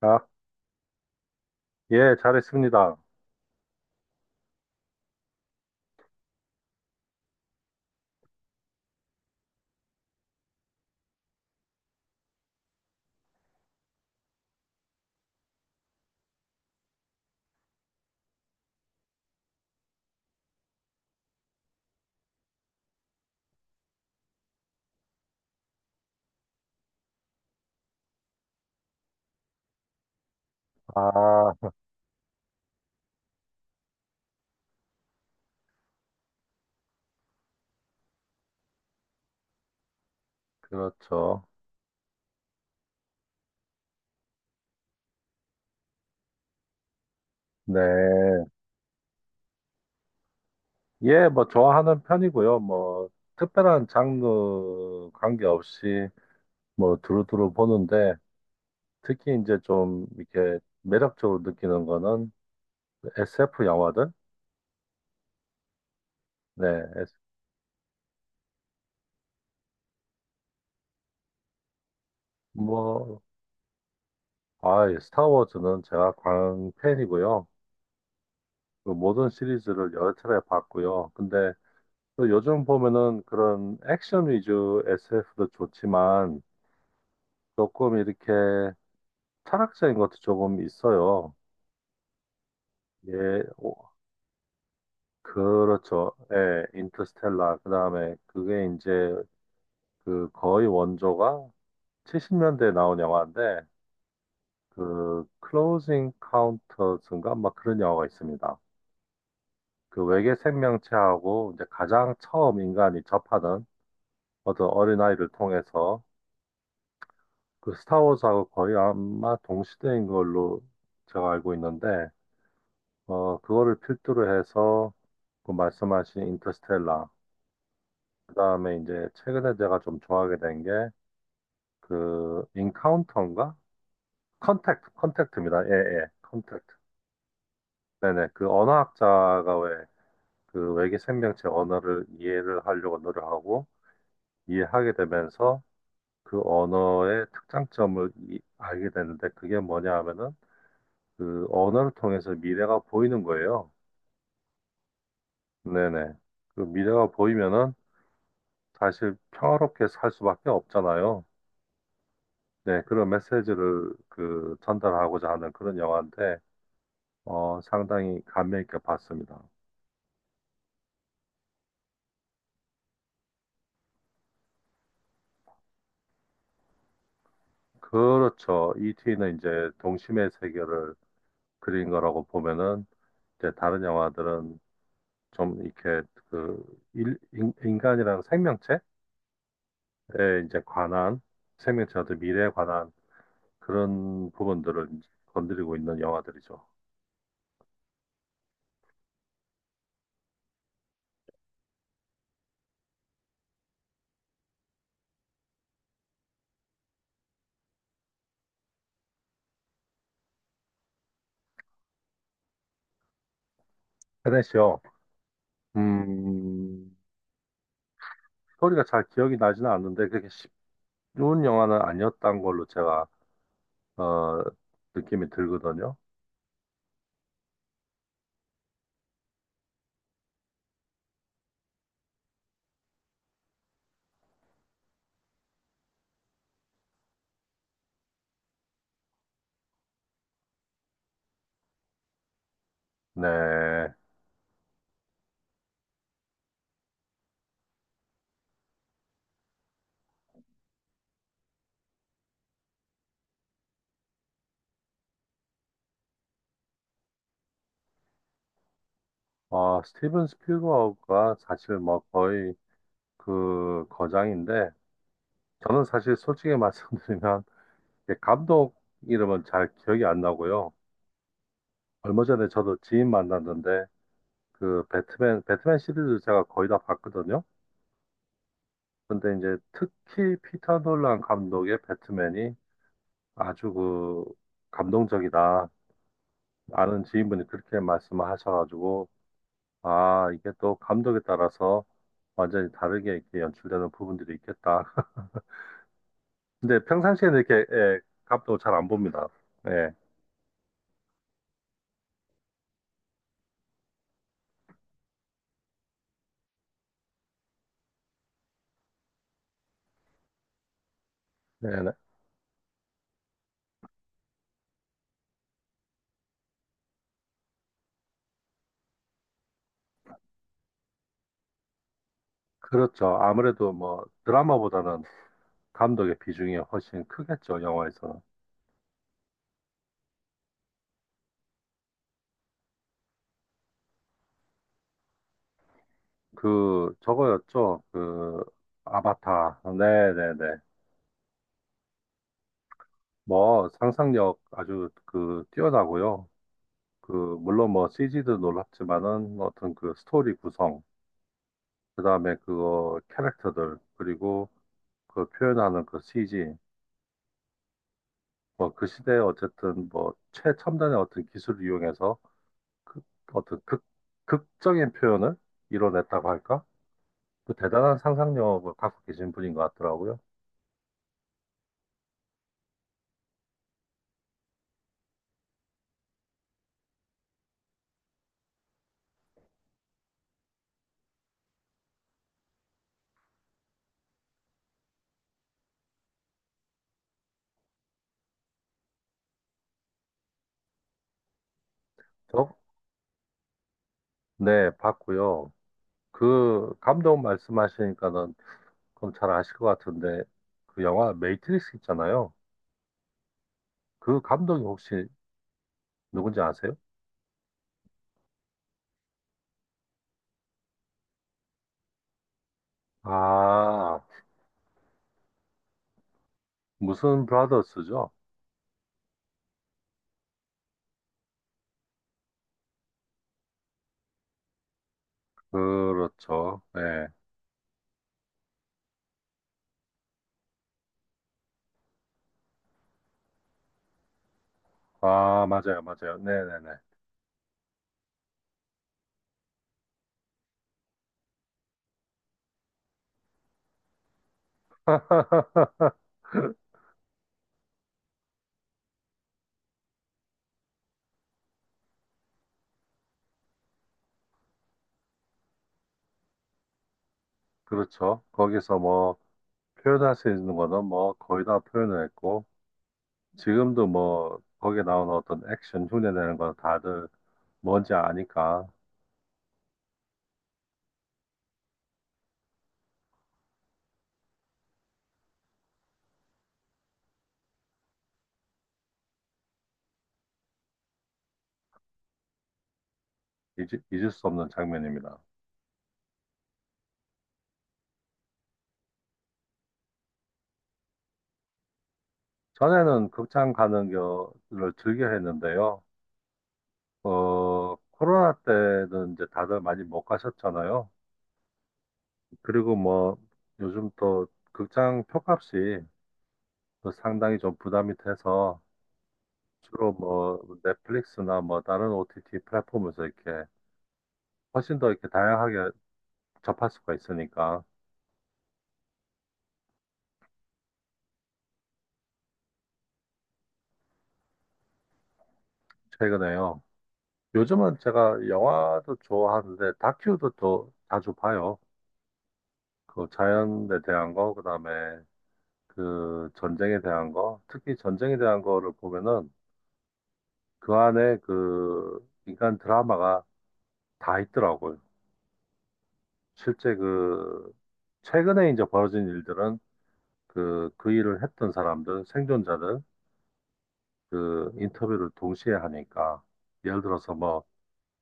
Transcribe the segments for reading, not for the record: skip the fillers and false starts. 아, 예, 잘했습니다. 아, 그렇죠. 네. 예, 뭐, 좋아하는 편이고요. 뭐, 특별한 장르 관계없이 뭐, 두루두루 보는데, 특히 이제 좀 이렇게 매력적으로 느끼는 거는 SF 영화들? 네. 에스- 뭐, 아, 예, 스타워즈는 제가 광팬이고요. 그 모든 시리즈를 여러 차례 봤고요. 근데 또 요즘 보면은 그런 액션 위주 SF도 좋지만, 조금 이렇게 철학적인 것도 조금 있어요. 예, 오, 그렇죠. 예, 인터스텔라. 그 다음에 그게 이제 그 거의 원조가 70년대에 나온 영화인데 그 클로징 카운터스인가 막 그런 영화가 있습니다. 그 외계 생명체하고 이제 가장 처음 인간이 접하는 어떤 어린아이를 통해서 그 스타워즈하고 거의 아마 동시대인 걸로 제가 알고 있는데 그거를 필두로 해서 그 말씀하신 인터스텔라. 그다음에 이제 최근에 제가 좀 좋아하게 된 게 그 인카운터인가? 컨택트, 컨택트입니다. 예, 예. 컨택트. 네네. 그 언어학자가 왜 그 외계 생명체 언어를 이해를 하려고 노력하고 이해하게 되면서 그 언어의 특장점을 알게 되는데 그게 뭐냐 하면은 그 언어를 통해서 미래가 보이는 거예요. 네네. 그 미래가 보이면은 사실 평화롭게 살 수밖에 없잖아요. 네, 그런 메시지를 그 전달하고자 하는 그런 영화인데, 상당히 감명 있게 봤습니다. 그렇죠. 이티는 이제 동심의 세계를 그린 거라고 보면은, 이제 다른 영화들은 좀 이렇게 그 인간이라는 생명체에 이제 관한, 생명체 어떤 미래에 관한 그런 부분들을 이제 건드리고 있는 영화들이죠. 테넷이요. 음, 스토리가 잘 기억이 나지는 않는데 그렇게 쉬운 영화는 아니었던 걸로 제가 어, 느낌이 들거든요. 네, 스티븐 스필버그가 사실 뭐 거의 그 거장인데 저는 사실 솔직히 말씀드리면 이게 감독 이름은 잘 기억이 안 나고요. 얼마 전에 저도 지인 만났는데 그 배트맨 시리즈 제가 거의 다 봤거든요. 근데 이제 특히 피터 놀란 감독의 배트맨이 아주 그 감동적이다. 아는 지인분이 그렇게 말씀하셔가지고 아 이게 또 감독에 따라서 완전히 다르게 이렇게 연출되는 부분들이 있겠다. 근데 평상시에는 이렇게 예, 감독 잘 안 봅니다. 예, 네, 네. 그렇죠. 아무래도 뭐 드라마보다는 감독의 비중이 훨씬 크겠죠 영화에서는. 그 저거였죠. 그 아바타. 네, 네, 네. 뭐 상상력 아주 그 뛰어나고요. 그 물론 뭐 CG도 놀랍지만은 어떤 그 스토리 구성 그다음에 그거 캐릭터들 그리고 그 표현하는 그 CG 뭐 그 시대에 어쨌든 뭐 최첨단의 어떤 기술을 이용해서 그 어떤 극 극적인 표현을 이뤄냈다고 할까? 그 대단한 상상력을 갖고 계신 분인 것 같더라고요. 저? 네, 봤고요. 그 감독 말씀하시니까는 그럼 잘 아실 것 같은데 그 영화 매트릭스 있잖아요. 그 감독이 혹시 누군지 아세요? 아, 무슨 브라더스죠? 그렇죠. 네. 아, 맞아요, 맞아요. 네네네. 그렇죠. 거기서 뭐, 표현할 수 있는 거는 뭐, 거의 다 표현을 했고, 지금도 뭐, 거기에 나오는 어떤 액션, 흉내내는 건 다들 뭔지 아니까 잊을 수 없는 장면입니다. 전에는 극장 가는 거를 즐겨 했는데요. 코로나 때는 이제 다들 많이 못 가셨잖아요. 그리고 뭐, 요즘 또 극장 표값이 그 상당히 좀 부담이 돼서 주로 뭐 넷플릭스나 뭐 다른 OTT 플랫폼에서 이렇게 훨씬 더 이렇게 다양하게 접할 수가 있으니까. 최근에요. 요즘은 제가 영화도 좋아하는데 다큐도 또 자주 봐요. 그 자연에 대한 거, 그다음에 그 전쟁에 대한 거, 특히 전쟁에 대한 거를 보면은 그 안에 그 인간 드라마가 다 있더라고요. 실제 그 최근에 이제 벌어진 일들은 그 일을 했던 사람들, 생존자들, 그 인터뷰를 동시에 하니까, 예를 들어서 뭐,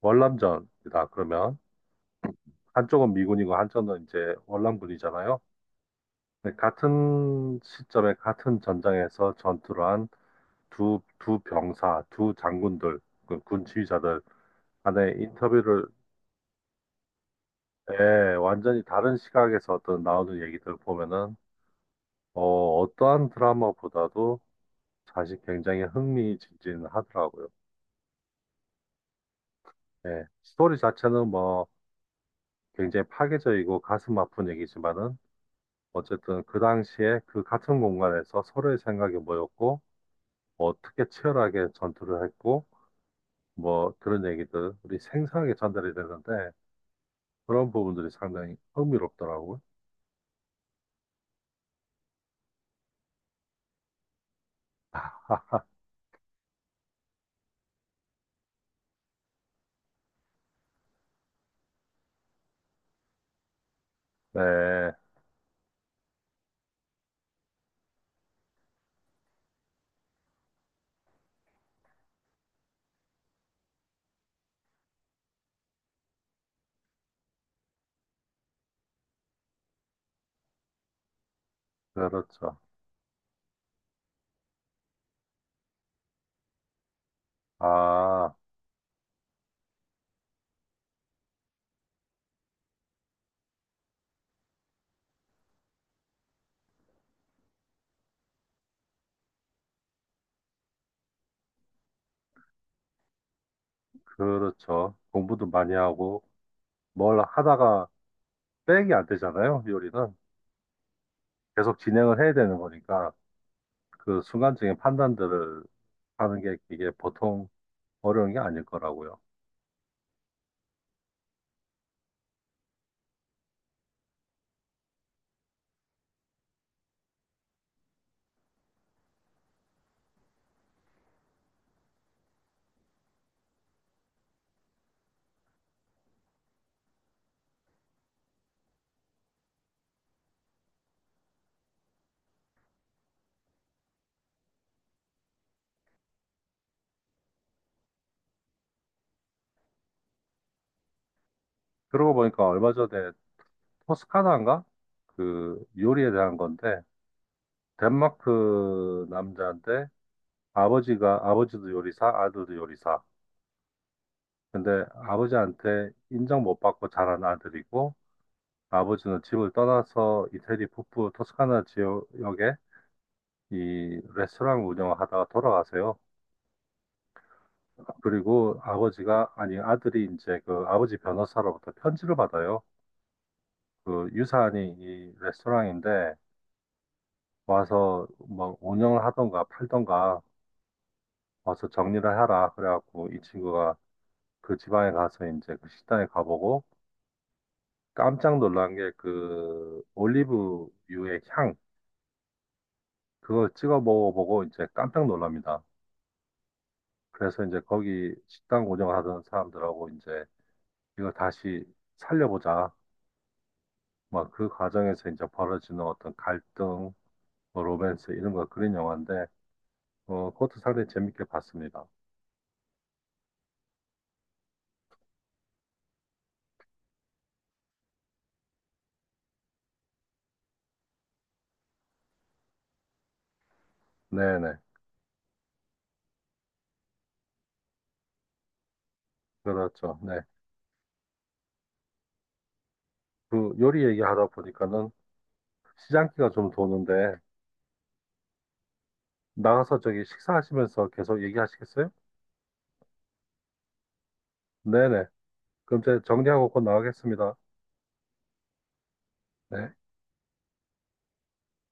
월남전이다, 그러면, 한쪽은 미군이고, 한쪽은 이제 월남군이잖아요. 근데 같은 시점에, 같은 전장에서 전투를 한 두 병사, 두 장군들, 그 군 지휘자들 간의 인터뷰를, 예, 완전히 다른 시각에서 어떤 나오는 얘기들 보면은, 어떠한 드라마보다도 사실 굉장히 흥미진진하더라고요. 네, 스토리 자체는 뭐 굉장히 파괴적이고 가슴 아픈 얘기지만은 어쨌든 그 당시에 그 같은 공간에서 서로의 생각이 뭐였고 뭐 어떻게 치열하게 전투를 했고 뭐 그런 얘기들 우리 생생하게 전달이 되는데 그런 부분들이 상당히 흥미롭더라고요. 네, 그렇죠. 아, 그렇죠. 공부도 많이 하고 뭘 하다가 백이 안 되잖아요, 요리는. 계속 진행을 해야 되는 거니까. 그 순간적인 판단들을 하는 게 이게 보통 어려운 게 아닐 거라고요. 그러고 보니까 얼마 전에 토스카나인가? 그 요리에 대한 건데 덴마크 남자인데 아버지가 아버지도 요리사, 아들도 요리사. 근데 아버지한테 인정 못 받고 자란 아들이고 아버지는 집을 떠나서 이태리 북부 토스카나 지역에 이 레스토랑 운영을 하다가 돌아가세요. 그리고 아버지가, 아니, 아들이 이제 그 아버지 변호사로부터 편지를 받아요. 그 유사한이 이 레스토랑인데 와서 뭐 운영을 하던가 팔던가 와서 정리를 하라. 그래갖고 이 친구가 그 지방에 가서 이제 그 식당에 가보고 깜짝 놀란 게 그 올리브유의 향, 그걸 찍어 먹어보고 이제 깜짝 놀랍니다. 그래서 이제 거기 식당 운영하던 사람들하고 이제 이걸 다시 살려보자 막 그 과정에서 이제 벌어지는 어떤 갈등, 뭐 로맨스 이런 거 그런 영화인데 그것도 상당히 재밌게 봤습니다. 네네 그렇죠. 네. 그 요리 얘기하다 보니까는 시장기가 좀 도는데 나가서 저기 식사하시면서 계속 얘기하시겠어요? 네네. 그럼 제가 정리하고 곧 나가겠습니다. 네.